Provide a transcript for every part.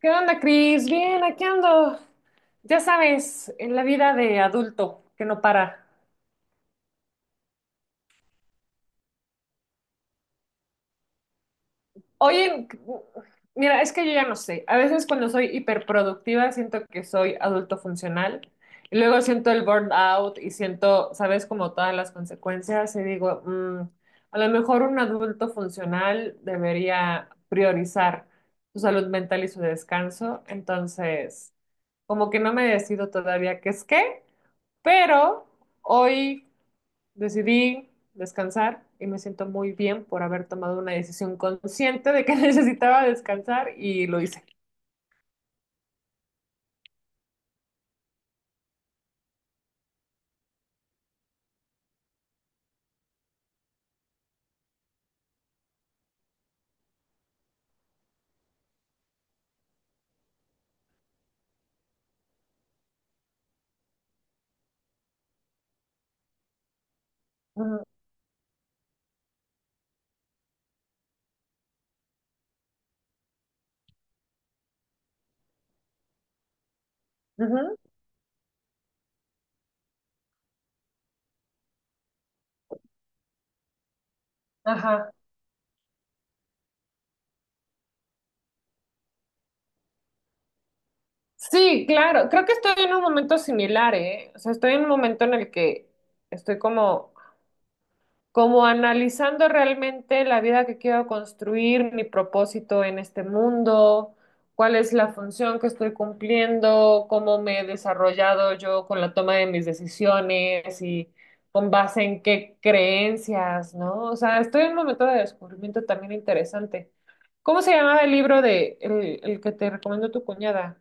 ¿Qué onda, Cris? Bien, aquí ando. Ya sabes, en la vida de adulto que no para. Oye, mira, es que yo ya no sé. A veces cuando soy hiperproductiva siento que soy adulto funcional y luego siento el burnout y siento, sabes, como todas las consecuencias y digo, a lo mejor un adulto funcional debería priorizar su salud mental y su descanso. Entonces, como que no me decido todavía qué es qué, pero hoy decidí descansar y me siento muy bien por haber tomado una decisión consciente de que necesitaba descansar y lo hice. Ujú, ujú, ajá. Sí, claro. Creo que estoy en un momento similar, ¿eh? O sea, estoy en un momento en el que estoy como analizando realmente la vida que quiero construir, mi propósito en este mundo, cuál es la función que estoy cumpliendo, cómo me he desarrollado yo con la toma de mis decisiones y con base en qué creencias, ¿no? O sea, estoy en un momento de descubrimiento también interesante. ¿Cómo se llamaba el libro de el que te recomendó tu cuñada?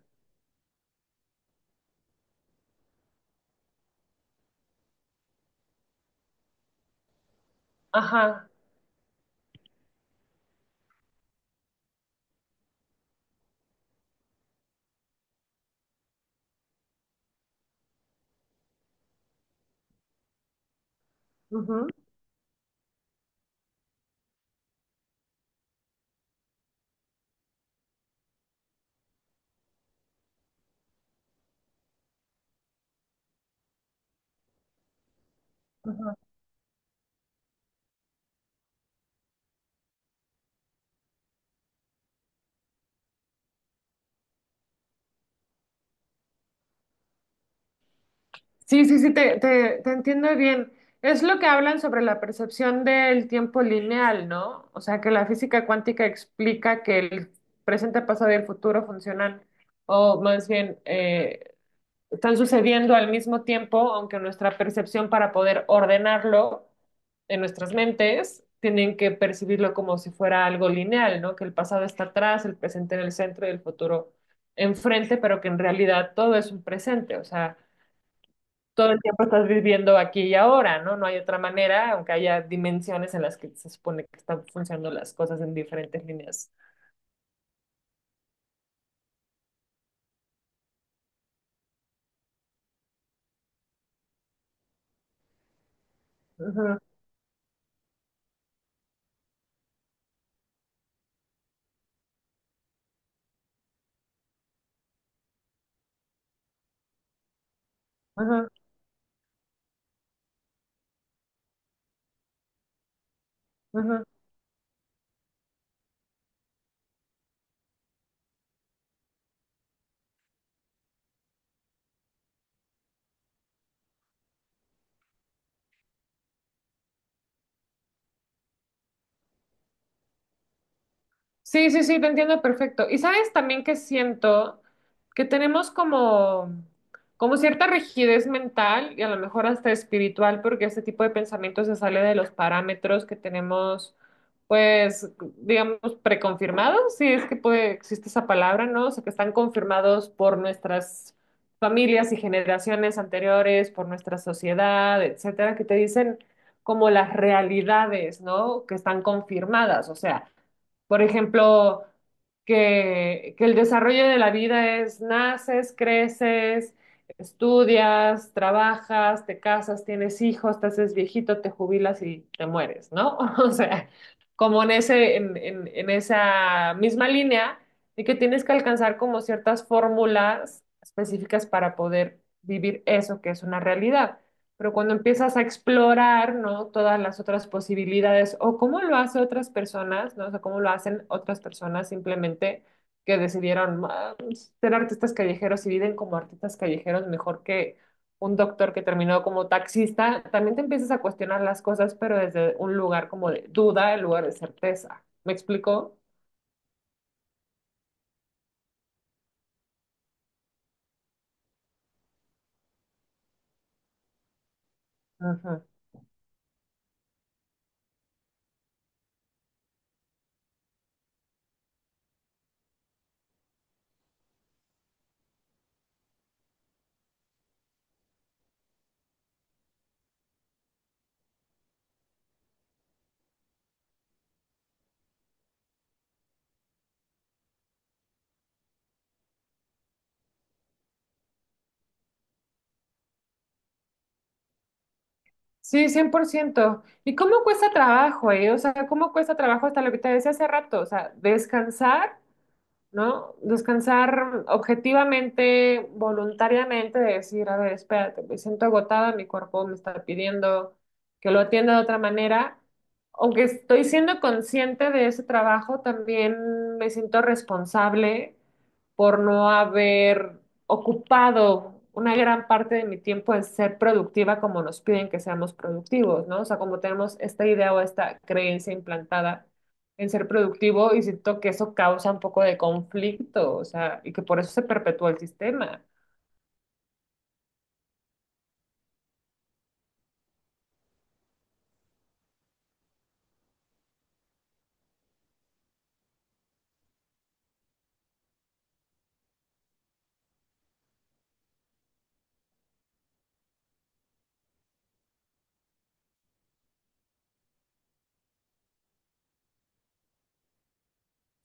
Ajá. Ujú, ujú. Sí, sí, sí, te entiendo bien. Es lo que hablan sobre la percepción del tiempo lineal, ¿no? O sea, que la física cuántica explica que el presente, pasado y el futuro funcionan, o más bien, están sucediendo al mismo tiempo, aunque nuestra percepción para poder ordenarlo en nuestras mentes, tienen que percibirlo como si fuera algo lineal, ¿no? Que el pasado está atrás, el presente en el centro y el futuro enfrente, pero que en realidad todo es un presente, o sea todo el tiempo estás viviendo aquí y ahora, ¿no? No hay otra manera, aunque haya dimensiones en las que se supone que están funcionando las cosas en diferentes líneas. Ujú, ujú, ujú. Sí, sí, sí, te entiendo perfecto. Y sabes también que siento que tenemos como cierta rigidez mental y a lo mejor hasta espiritual, porque este tipo de pensamiento se sale de los parámetros que tenemos, pues, digamos, preconfirmados, si es que puede, existe esa palabra, ¿no? O sea, que están confirmados por nuestras familias y generaciones anteriores, por nuestra sociedad, etcétera, que te dicen como las realidades, ¿no? Que están confirmadas, o sea. Por ejemplo, que el desarrollo de la vida es naces, creces, estudias, trabajas, te casas, tienes hijos, te haces viejito, te jubilas y te mueres, ¿no? O sea, como en ese, en esa misma línea, y que tienes que alcanzar como ciertas fórmulas específicas para poder vivir eso que es una realidad. Pero cuando empiezas a explorar, ¿no? Todas las otras posibilidades o cómo lo hacen otras personas, ¿no? O sea, cómo lo hacen otras personas simplemente que decidieron "Ah, pues, ser artistas callejeros y viven como artistas callejeros mejor que un doctor que terminó como taxista, también te empiezas a cuestionar las cosas, pero desde un lugar como de duda en lugar de certeza. ¿Me explico? Ujú. Sí, 100%. ¿Y cómo cuesta trabajo, eh? O sea, ¿cómo cuesta trabajo hasta lo que te decía hace rato? O sea, descansar, ¿no? Descansar objetivamente, voluntariamente, de decir, a ver, espérate, me siento agotada, mi cuerpo me está pidiendo que lo atienda de otra manera. Aunque estoy siendo consciente de ese trabajo, también me siento responsable por no haber ocupado una gran parte de mi tiempo en ser productiva como nos piden que seamos productivos, ¿no? O sea, como tenemos esta idea o esta creencia implantada en ser productivo y siento que eso causa un poco de conflicto, o sea, y que por eso se perpetúa el sistema.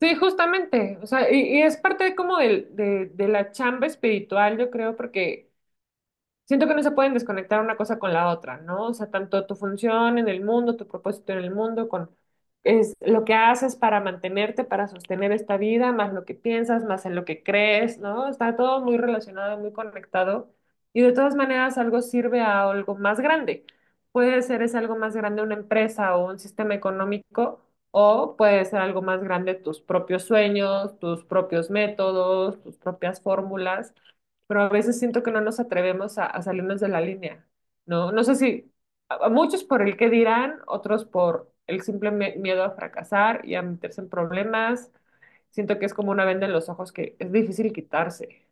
Sí, justamente, o sea, y es parte como de la chamba espiritual, yo creo, porque siento que no se pueden desconectar una cosa con la otra, ¿no? O sea, tanto tu función en el mundo, tu propósito en el mundo, con es lo que haces para mantenerte, para sostener esta vida, más lo que piensas, más en lo que crees, ¿no? Está todo muy relacionado, muy conectado. Y de todas maneras, algo sirve a algo más grande. Puede ser es algo más grande una empresa o un sistema económico, o puede ser algo más grande tus propios sueños, tus propios métodos, tus propias fórmulas, pero a veces siento que no nos atrevemos a salirnos de la línea, ¿no? No sé si a muchos por el qué dirán, otros por el simple miedo a fracasar y a meterse en problemas. Siento que es como una venda en los ojos que es difícil quitarse.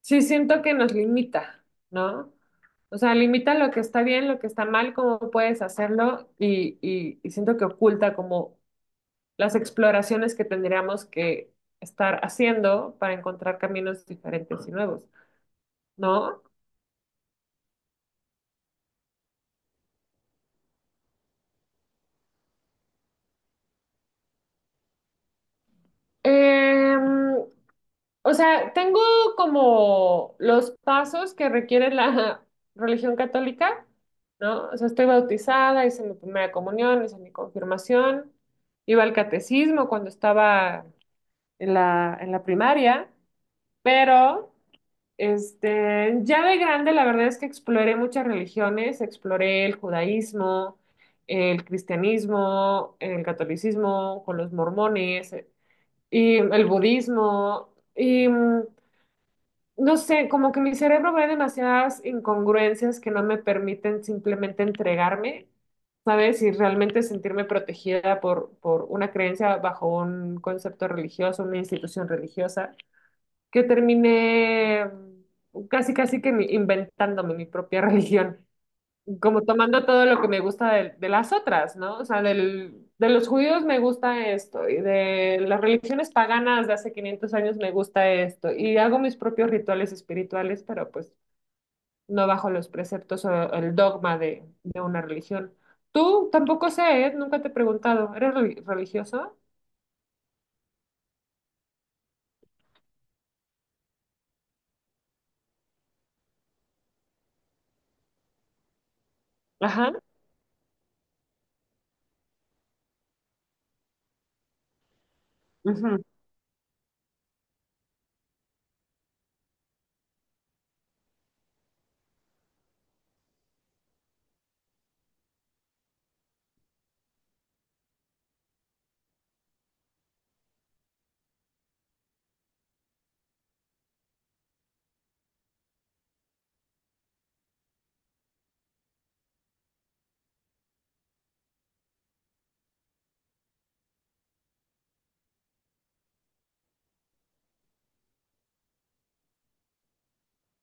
Sí, siento que nos limita, ¿no? O sea, limita lo que está bien, lo que está mal, cómo puedes hacerlo y siento que oculta como las exploraciones que tendríamos que estar haciendo para encontrar caminos diferentes y nuevos, ¿no? Em, o sea, tengo como los pasos que requiere la religión católica, ¿no? O sea, estoy bautizada, hice mi primera comunión, hice mi confirmación, iba al catecismo cuando estaba en la primaria, pero este, ya de grande la verdad es que exploré muchas religiones, exploré el judaísmo, el cristianismo, el catolicismo, con los mormones y el budismo, y no sé, como que mi cerebro ve demasiadas incongruencias que no me permiten simplemente entregarme, ¿sabes? Y realmente sentirme protegida por una creencia bajo un concepto religioso, una institución religiosa, que terminé casi, casi que inventándome mi propia religión como tomando todo lo que me gusta de las otras, ¿no? O sea, de los judíos me gusta esto, y de las religiones paganas de hace 500 años me gusta esto, y hago mis propios rituales espirituales, pero pues no bajo los preceptos o el dogma de una religión. Tú tampoco sé, ¿eh? Nunca te he preguntado, ¿eres religioso? Ajá. Ujú,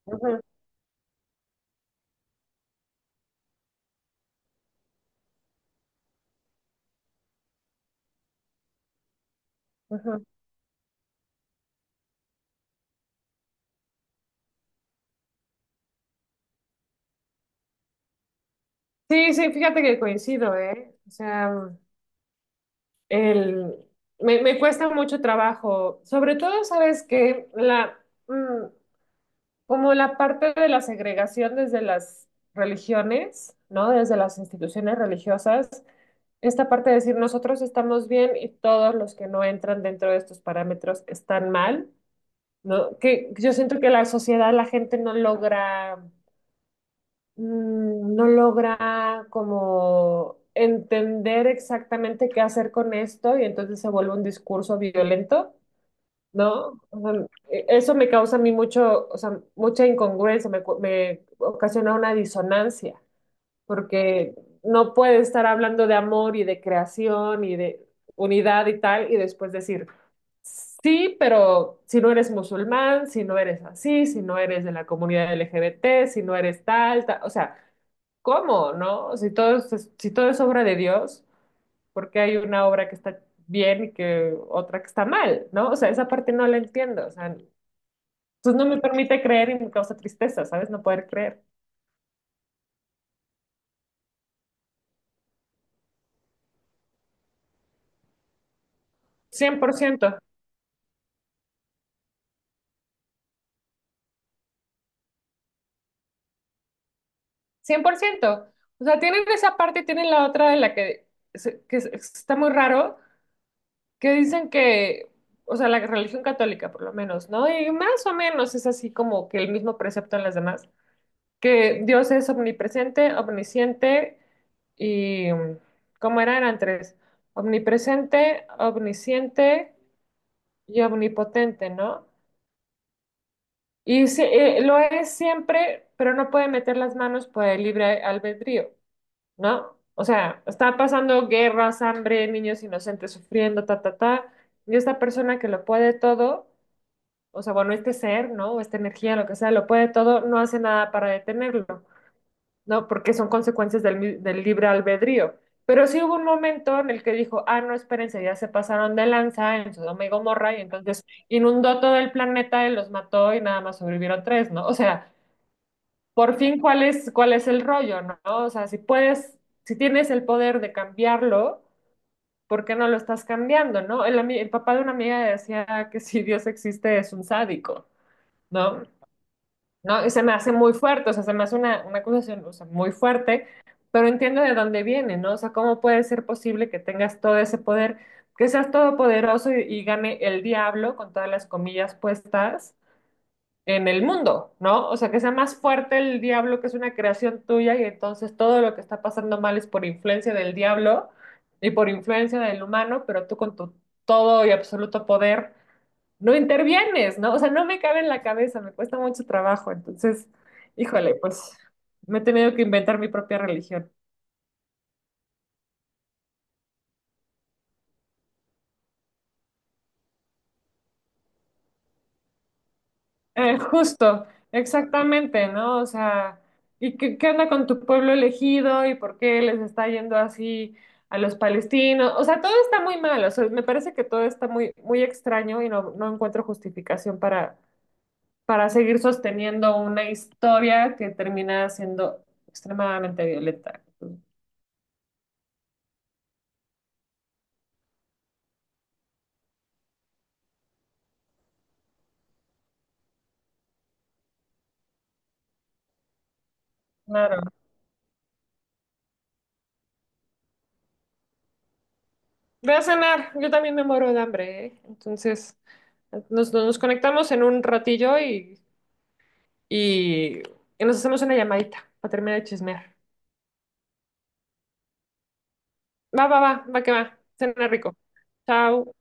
ujú, ujú. Sí, sí, fíjate que coincido, ¿eh? O sea. El, me cuesta mucho trabajo, sobre todo, sabes que mm, como la parte de la segregación desde las religiones, ¿no? Desde las instituciones religiosas, esta parte de decir nosotros estamos bien y todos los que no entran dentro de estos parámetros están mal, ¿no? Que yo siento que la sociedad, la gente no logra no logra como entender exactamente qué hacer con esto y entonces se vuelve un discurso violento, ¿no? O sea, eso me causa a mí mucho, o sea, mucha incongruencia, me ocasiona una disonancia, porque no puede estar hablando de amor y de creación y de unidad y tal y después decir: sí, pero si no eres musulmán, si no eres así, si no eres de la comunidad LGBT, si no eres tal, tal, o sea, ¿cómo, no? Si todo es, si todo es obra de Dios, ¿por qué hay una obra que está bien y que otra que está mal? ¿No? O sea, esa parte no la entiendo, o sea, entonces no me permite creer y me causa tristeza, ¿sabes? No poder creer. Cien por ciento, 100%. O sea, tienen esa parte y tienen la otra de la que, está muy raro, que dicen que, o sea, la religión católica por lo menos, ¿no? Y más o menos es así como que el mismo precepto en las demás, que Dios es omnipresente, omnisciente y, ¿cómo eran? Eran tres. Omnipresente, omnisciente y omnipotente, ¿no? Y sí, lo es siempre, pero no puede meter las manos por el libre albedrío, ¿no? O sea, está pasando guerras, hambre, niños inocentes sufriendo, ta, ta, ta. Y esta persona que lo puede todo, o sea, bueno, este ser, ¿no? O esta energía, lo que sea, lo puede todo, no hace nada para detenerlo, ¿no? Porque son consecuencias del libre albedrío. Pero sí hubo un momento en el que dijo, ah, no, espérense, ya se pasaron de lanza en Sodoma y Gomorra, y entonces inundó todo el planeta y los mató y nada más sobrevivieron tres, ¿no? O sea, por fin, ¿cuál es el rollo? ¿No? O sea, si puedes, si tienes el poder de cambiarlo, ¿por qué no lo estás cambiando? ¿No? El el papá de una amiga decía que si Dios existe es un sádico, ¿no? No, y se me hace muy fuerte, o sea, se me hace una acusación, o sea, muy fuerte, pero entiendo de dónde viene, ¿no? O sea, ¿cómo puede ser posible que tengas todo ese poder, que seas todopoderoso y gane el diablo con todas las comillas puestas en el mundo, ¿no? O sea, que sea más fuerte el diablo, que es una creación tuya, y entonces todo lo que está pasando mal es por influencia del diablo y por influencia del humano, pero tú con tu todo y absoluto poder no intervienes, ¿no? O sea, no me cabe en la cabeza, me cuesta mucho trabajo. Entonces, híjole, pues me he tenido que inventar mi propia religión. Justo, exactamente, ¿no? O sea, ¿y qué onda con tu pueblo elegido y por qué les está yendo así a los palestinos? O sea, todo está muy mal, o sea, me parece que todo está muy, muy extraño y no encuentro justificación para seguir sosteniendo una historia que termina siendo extremadamente violenta. Claro. Ve a cenar, yo también me muero de hambre, ¿eh? Entonces, nos conectamos en un ratillo y, y, y nos hacemos una llamadita para terminar de chismear. Va, va, va, va que va. Cena rico. Chao.